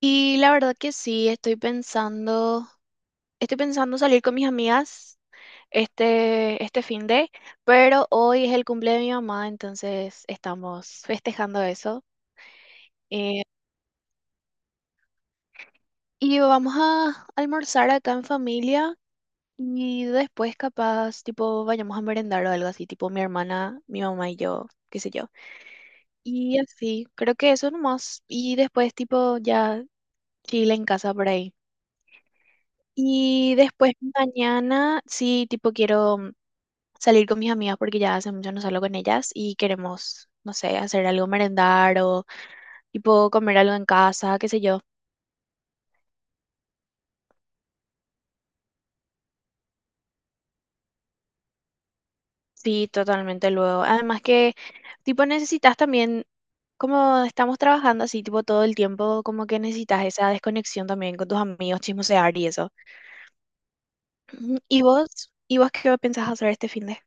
Y la verdad que sí, estoy pensando salir con mis amigas este fin de, pero hoy es el cumple de mi mamá, entonces estamos festejando eso. Eh, y vamos a almorzar acá en familia y después capaz, tipo, vayamos a merendar o algo así, tipo mi hermana, mi mamá y yo, qué sé yo. Y así, creo que eso nomás. Y después, tipo, ya chile en casa por ahí. Y después mañana, sí, tipo, quiero salir con mis amigas porque ya hace mucho no salgo con ellas y queremos, no sé, hacer algo merendar o tipo comer algo en casa, qué sé yo. Sí, totalmente luego. Además que tipo necesitas también, como estamos trabajando así tipo todo el tiempo, como que necesitas esa desconexión también con tus amigos, chismosear y eso. Ujú. ¿Y vos? ¿Y vos qué pensás hacer este fin de?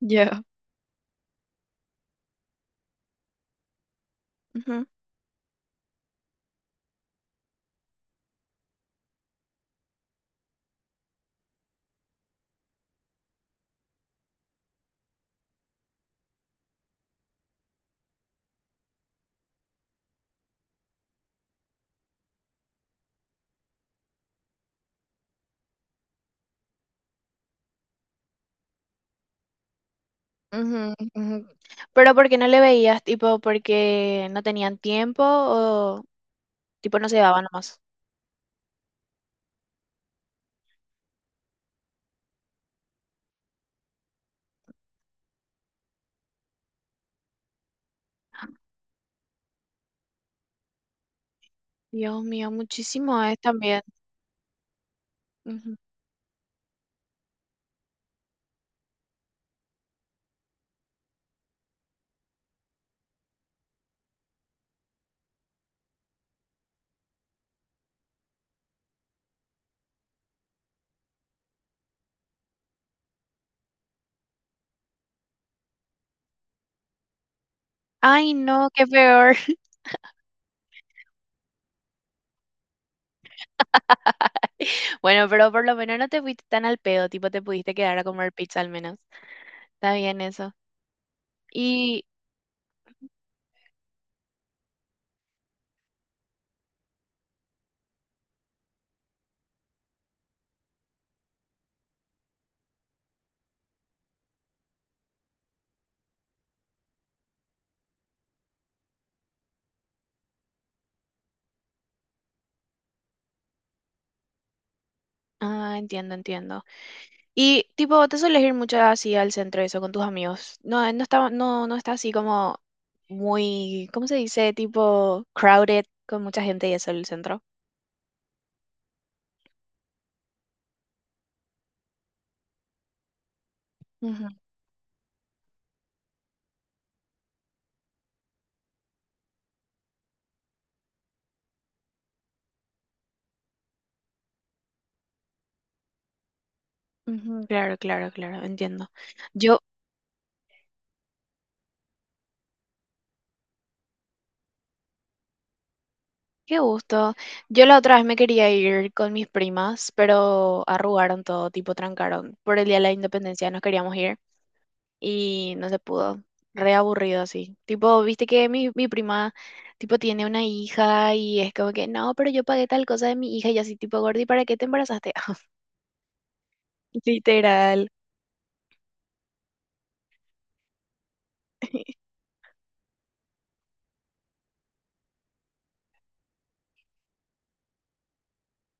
Ya. Ujú, ujú, ujú. Pero ¿por qué no le veías? Tipo, ¿porque no tenían tiempo o tipo no se daban nomás? Dios mío, muchísimo es también. Ujú. Ay, no, qué peor. Bueno, pero por lo menos no te fuiste tan al pedo, tipo te pudiste quedar a comer pizza al menos. Está bien eso. Y, ah, entiendo, entiendo. Y tipo, ¿vos te sueles ir mucho así al centro y eso con tus amigos? No, no está, no está así como muy, ¿cómo se dice? Tipo crowded con mucha gente y eso el centro. Ujú, ujú, claro, claro, claro, entiendo. Yo Qué gusto. Yo la otra vez me quería ir con mis primas, pero arrugaron todo, tipo trancaron. Por el Día de la Independencia nos queríamos ir y no se pudo. Re aburrido así. Tipo, viste que mi prima, tipo, tiene una hija y es como que, no, pero yo pagué tal cosa de mi hija y yo así, tipo, Gordi, ¿para qué te embarazaste? Literal.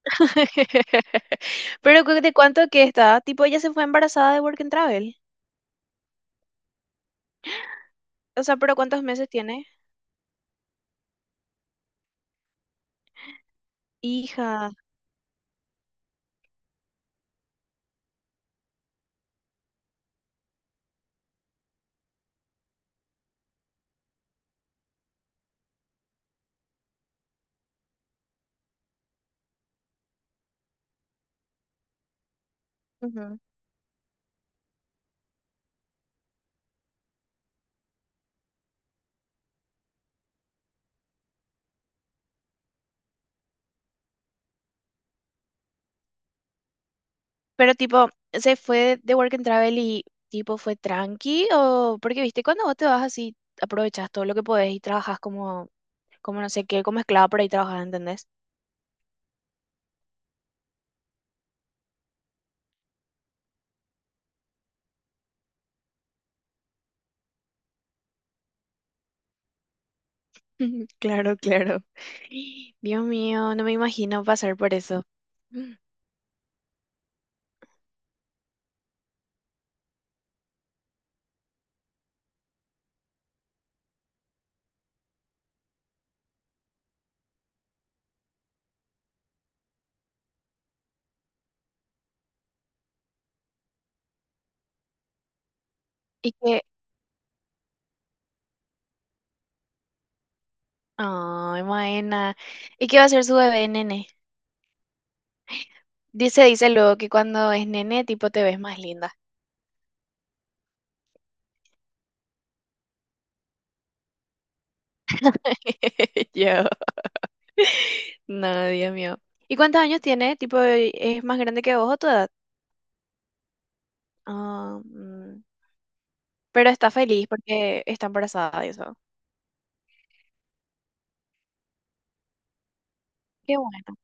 Pero cu- ¿de cuánto que está? Tipo, ella se fue embarazada de Work and Travel. O sea, pero ¿cuántos meses tiene? Hija. Pero tipo, ¿se fue de Work and Travel y tipo fue tranqui? O porque viste, cuando vos te vas así, aprovechas todo lo que podés y trabajas como, como no sé qué, como esclava por ahí trabajas, ¿entendés? Claro, claro. Dios mío, no me imagino pasar por eso. Y que, ay, Maena, ¿y qué va a ser su bebé, nene? Dice, dice luego que cuando es nene, tipo, te ves más linda. Yo. No, Dios mío. ¿Y cuántos años tiene? Tipo, ¿es más grande que vos o toda? Ah, mm. Pero está feliz porque está embarazada y eso. Qué bueno.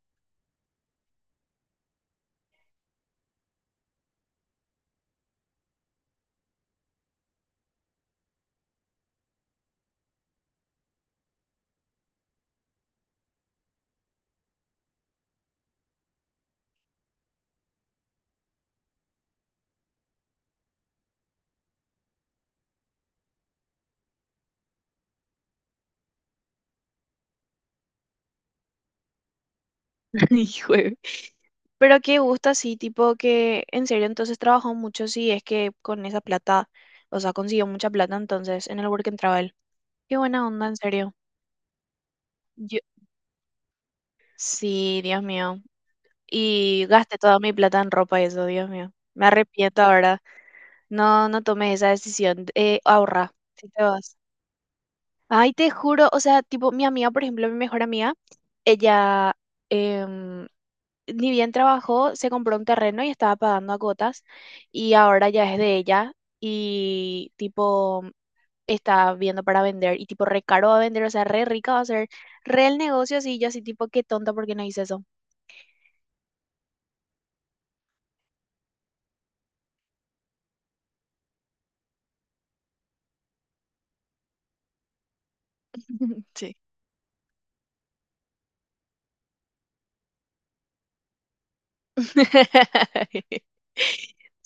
Hijo de- Pero qué gusto, sí, tipo que en serio entonces trabajó mucho, sí, es que con esa plata, o sea, consiguió mucha plata entonces en el Work and Travel. Qué buena onda, en serio. Yo, sí, Dios mío. Y gasté toda mi plata en ropa y eso, Dios mío. Me arrepiento ahora. No, no tomes esa decisión. Ahorra, si te vas. Ay, te juro, o sea, tipo, mi amiga, por ejemplo, mi mejor amiga, ella, em, ni bien trabajó, se compró un terreno y estaba pagando a cuotas y ahora ya es de ella y tipo está viendo para vender y tipo re caro va a vender, o sea, re rica va a ser, re el negocio así, y yo así tipo, qué tonta porque no hice eso. Sí.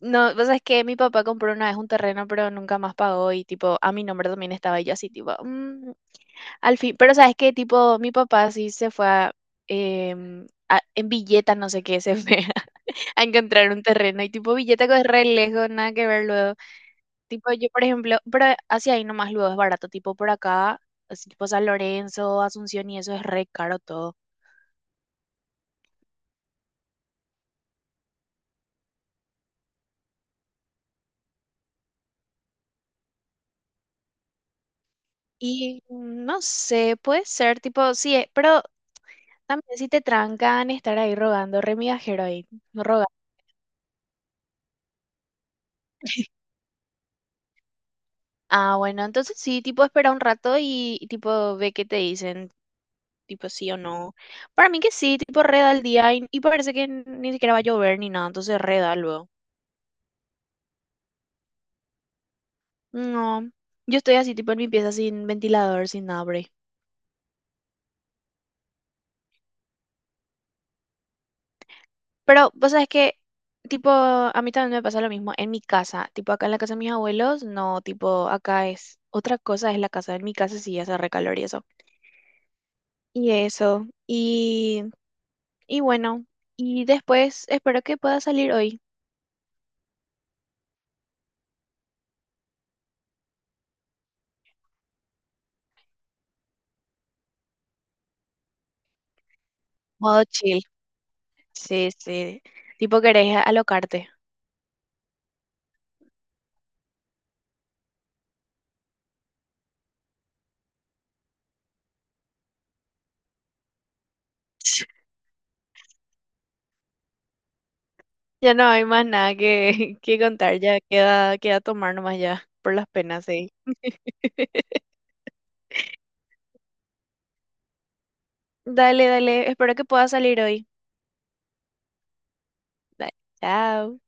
No, pues es que mi papá compró una vez un terreno, pero nunca más pagó y tipo, a mi nombre también estaba y yo así tipo, "Mm". Al fin, pero sabes que tipo, mi papá sí se fue a, en billetas, no sé qué, se fue a encontrar un terreno. Y tipo, Villetaco es re lejos, nada que ver luego. Tipo, yo, por ejemplo, pero hacia ahí nomás luego es barato. Tipo, por acá, así tipo San Lorenzo, Asunción y eso es re caro todo. Y no sé, puede ser, tipo, sí, pero también si te trancan estar ahí rogando, re migajero ahí, no roga. Ah, bueno, entonces sí, tipo, espera un rato y, tipo, ve qué te dicen, tipo, sí o no. Para mí que sí, tipo, reda el día y parece que ni siquiera va a llover ni nada, entonces reda luego. No, yo estoy así, tipo en mi pieza sin ventilador, sin nada por ahí. Pero vos sabés que, tipo, a mí también me pasa lo mismo en mi casa. Tipo, acá en la casa de mis abuelos, no, tipo, acá es otra cosa, es la casa. En mi casa sí hace recalor y eso. Y eso. Y bueno, y después espero que pueda salir hoy. Modo chill. Sí, sí. Tipo, querés alocarte. Ya no hay más nada que contar, ya queda, queda tomar nomás ya, por las penas, sí. Dale, dale. Espero que pueda salir hoy. Dale, chao.